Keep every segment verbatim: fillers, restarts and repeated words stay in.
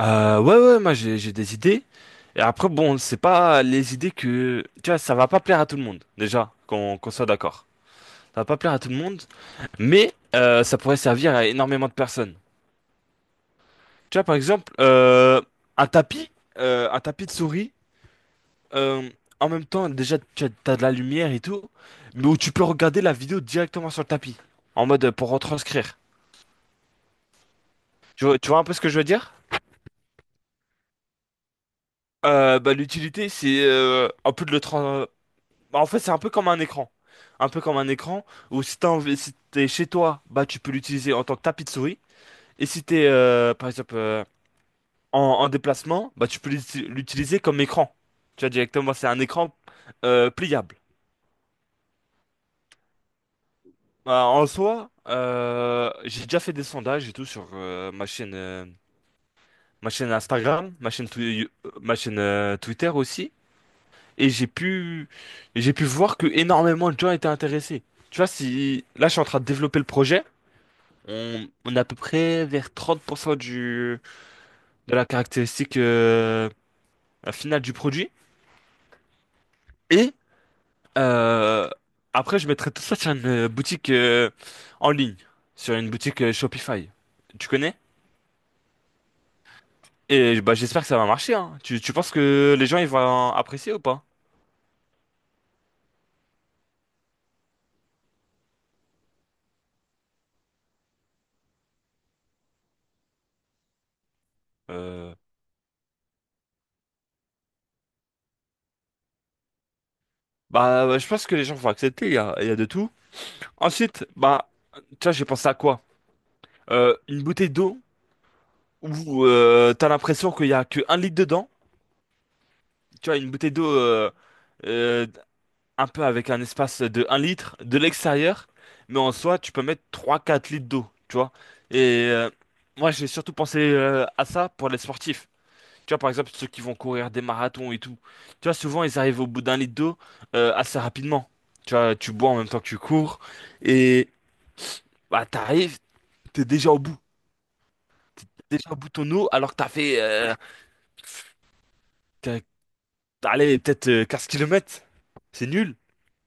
Euh, ouais, ouais, moi j'ai j'ai des idées. Et après, bon, c'est pas les idées que. Tu vois, ça va pas plaire à tout le monde, déjà, qu'on qu'on soit d'accord. Ça va pas plaire à tout le monde, mais euh, ça pourrait servir à énormément de personnes. Tu vois, par exemple, euh, un tapis, euh, un tapis de souris, euh, en même temps, déjà, tu as, t'as de la lumière et tout, mais où tu peux regarder la vidéo directement sur le tapis, en mode euh, pour retranscrire. Tu vois, tu vois un peu ce que je veux dire? Euh, bah, l'utilité, c'est euh, un peu de le transcrire. Bah, en fait, c'est un peu comme un écran. Un peu comme un écran où si t'as envie- si t'es chez toi, bah tu peux l'utiliser en tant que tapis de souris. Et si t'es euh, par exemple euh, en, en déplacement, bah tu peux l'uti- l'utiliser comme écran. Tu vois directement, c'est un écran euh, pliable. Bah, en soi, euh, j'ai déjà fait des sondages et tout sur euh, ma chaîne, euh, ma chaîne Instagram, ma chaîne, Twi- euh, ma chaîne euh, Twitter aussi. Et j'ai pu, j'ai pu voir que énormément de gens étaient intéressés. Tu vois, si là je suis en train de développer le projet. On, on est à peu près vers trente pour cent du, de la caractéristique euh, euh, finale du produit. Et euh, après, je mettrai tout ça sur une euh, boutique euh, en ligne, sur une boutique euh, Shopify. Tu connais? Et bah, j'espère que ça va marcher, hein. Tu, tu penses que les gens ils vont apprécier ou pas? Euh, bah, ouais, je pense que les gens vont accepter. Il y a, il y a de tout. Ensuite, bah, tu vois, j'ai pensé à quoi? Euh, une bouteille d'eau où euh, t'as l'impression qu'il y a que un litre dedans. Tu vois, une bouteille d'eau euh, euh, un peu avec un espace de un litre de l'extérieur, mais en soi, tu peux mettre trois quatre litres d'eau, tu vois. Et euh, moi, j'ai surtout pensé euh, à ça pour les sportifs. Tu vois, par exemple, ceux qui vont courir des marathons et tout. Tu vois, souvent, ils arrivent au bout d'un litre d'eau euh, assez rapidement. Tu vois, tu bois en même temps que tu cours, et bah, t'arrives, t'es déjà au bout. T'es déjà au bout de ton eau, alors que t'as fait, euh, t'as- t'as allé peut-être euh, quinze kilomètres. C'est nul.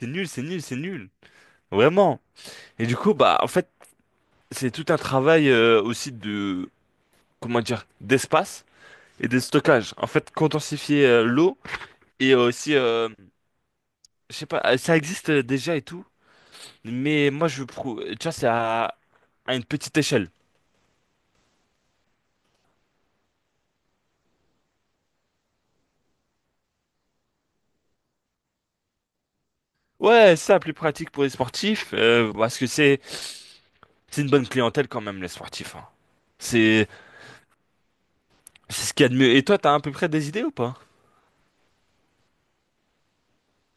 C'est nul, c'est nul, c'est nul. Vraiment. Et du coup, bah, en fait, c'est tout un travail euh, aussi de, comment dire, d'espace et de stockage. En fait, condensifier euh, l'eau et euh, aussi, euh, je sais pas, euh, ça existe euh, déjà et tout, mais moi, je prouve, tu vois, c'est à, à une petite échelle. Ouais, c'est ça, plus pratique pour les sportifs, euh, parce que c'est, c'est, une bonne clientèle quand même, les sportifs, hein. C'est, c'est ce qu'il y a de mieux. Et toi, t'as à peu près des idées ou pas?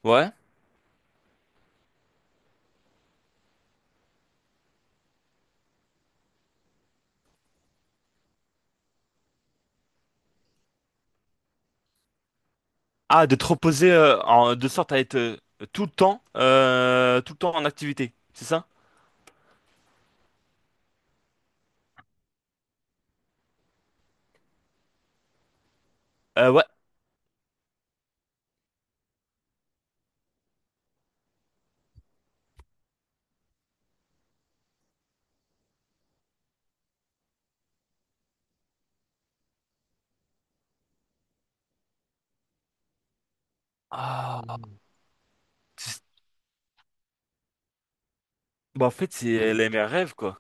Ouais. Ah, d'être reposé euh, en, de sorte à être euh, tout le temps, euh, tout le temps en activité, c'est ça? Euh, ouais. Ah, c'est- bah, en fait, c'est euh, les mes rêves, quoi.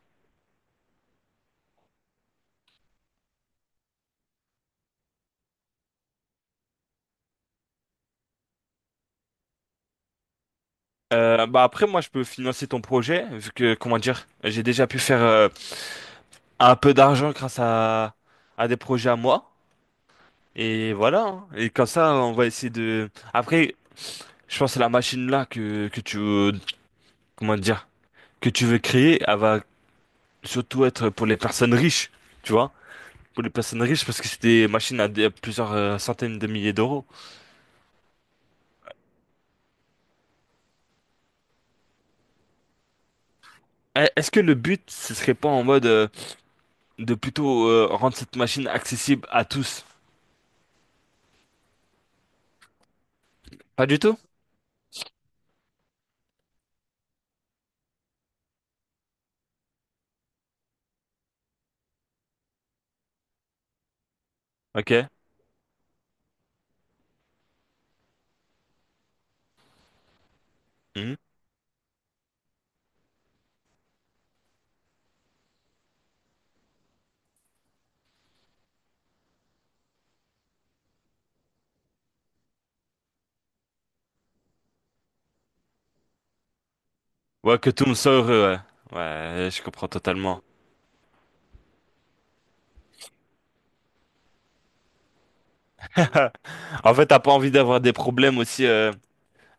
Euh, bah après, moi, je peux financer ton projet, vu que, comment dire, j'ai déjà pu faire euh, un peu d'argent grâce à, à des projets à moi. Et voilà, hein. Et comme ça, on va essayer de. Après, je pense que la machine là que, que tu veux, comment dire, que tu veux créer, elle va surtout être pour les personnes riches, tu vois? Pour les personnes riches parce que c'est des machines à des- à plusieurs euh, centaines de milliers d'euros. Eh, Est-ce que le but, ce serait pas en mode euh, de plutôt euh, rendre cette machine accessible à tous? Pas du tout. Ok. Mhm. Ouais, que tout le monde soit heureux, ouais. Ouais, je comprends totalement. En fait, t'as pas envie d'avoir des problèmes aussi euh,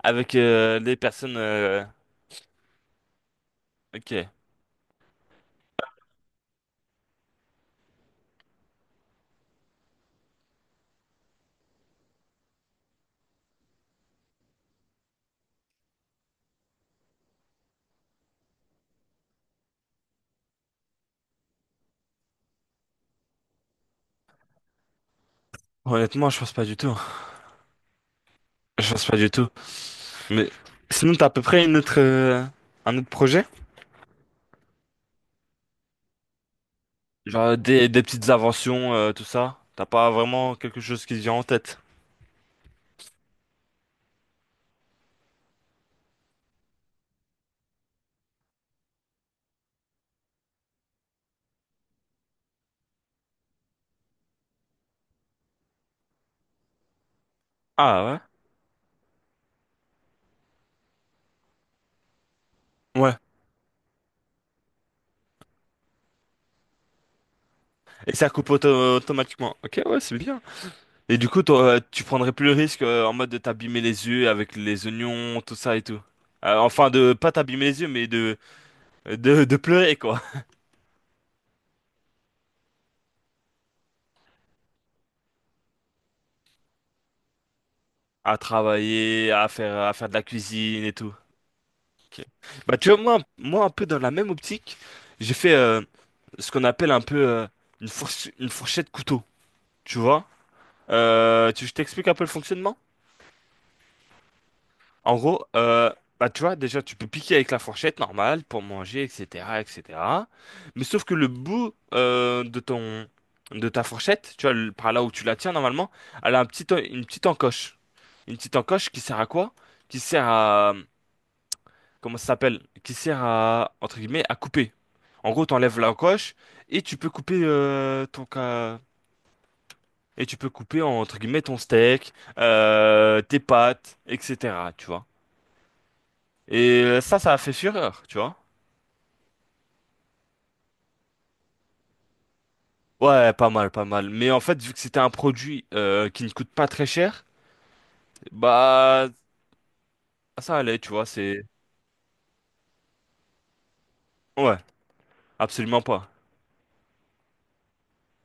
avec euh, les personnes, euh, ok. Honnêtement, je pense pas du tout. Je pense pas du tout. Mais sinon, t'as à peu près une autre, euh, un autre projet? Genre des, des petites inventions, euh, tout ça. T'as pas vraiment quelque chose qui te vient en tête. Ah ouais? Ouais. Et ça coupe auto- automatiquement. Ok, ouais, c'est bien. Et du coup, toi, euh, tu prendrais plus le risque euh, en mode de t'abîmer les yeux avec les oignons, tout ça et tout. Euh, enfin, de pas t'abîmer les yeux, mais de, de, de pleurer, quoi. À travailler, à faire, à faire de la cuisine et tout. Ok. Bah, tu vois, moi, moi, un peu dans la même optique, j'ai fait euh, ce qu'on appelle un peu euh, une fourche- une fourchette couteau, tu vois? Euh, tu, je t'explique un peu le fonctionnement. En gros, euh, bah, tu vois, déjà, tu peux piquer avec la fourchette normale pour manger, et cetera, et cetera. Mais sauf que le bout euh, de ton, de ta fourchette, tu vois, le- par là où tu la tiens normalement, elle a un petit, en- une petite encoche. Une petite encoche qui sert à quoi? Qui sert à, comment ça s'appelle? Qui sert à, entre guillemets, à couper. En gros, t'enlèves l'encoche et tu peux couper euh, ton, ca- et tu peux couper en, entre guillemets ton steak, euh, tes pâtes, et cetera. Tu vois. Et ça, ça a fait fureur, tu vois. Ouais, pas mal, pas mal. Mais en fait, vu que c'était un produit euh, qui ne coûte pas très cher, bah ça allait, tu vois. C'est Ouais, absolument pas.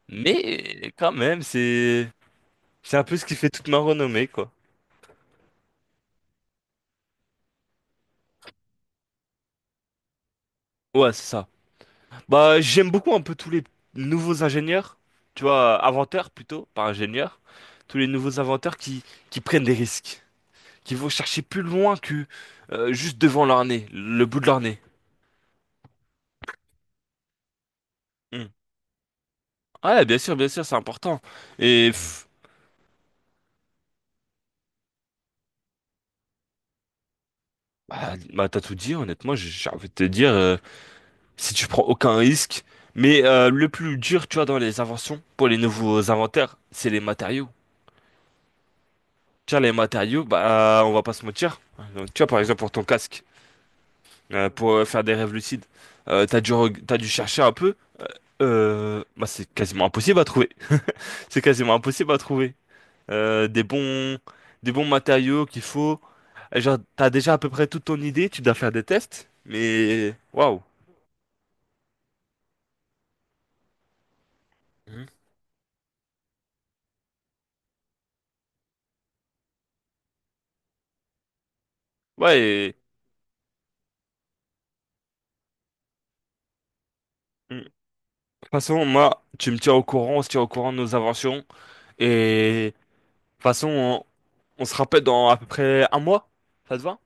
Mais quand même, c'est c'est un peu ce qui fait toute ma renommée, quoi. Ouais, c'est ça. Bah j'aime beaucoup un peu tous les nouveaux ingénieurs, tu vois, inventeurs plutôt, pas ingénieurs, tous les nouveaux inventeurs qui qui prennent des risques. Qui vont chercher plus loin que euh, juste devant leur nez, le bout de leur nez. Hmm. Ouais, bien sûr, bien sûr, c'est important. Et pff, bah, bah, t'as tout dit, honnêtement, j'ai j'ai envie de te dire, euh, si tu prends aucun risque. Mais euh, le plus dur, tu vois, dans les inventions, pour les nouveaux inventaires, c'est les matériaux. Tu vois, les matériaux, bah, on va pas se mentir. Donc, tu vois, par exemple, pour ton casque, euh, pour euh, faire des rêves lucides, euh, t'as dû, reg- t'as dû chercher un peu. Euh, bah, c'est quasiment impossible à trouver. C'est quasiment impossible à trouver, euh, des bons, des bons matériaux qu'il faut. Et genre, t'as déjà à peu près toute ton idée, tu dois faire des tests, mais waouh. Mhm. Ouais, et- mm. De toute façon, moi, tu me tiens au courant, on se tient au courant de nos inventions, et de toute façon, on, on se rappelle dans à peu près un mois, ça te va?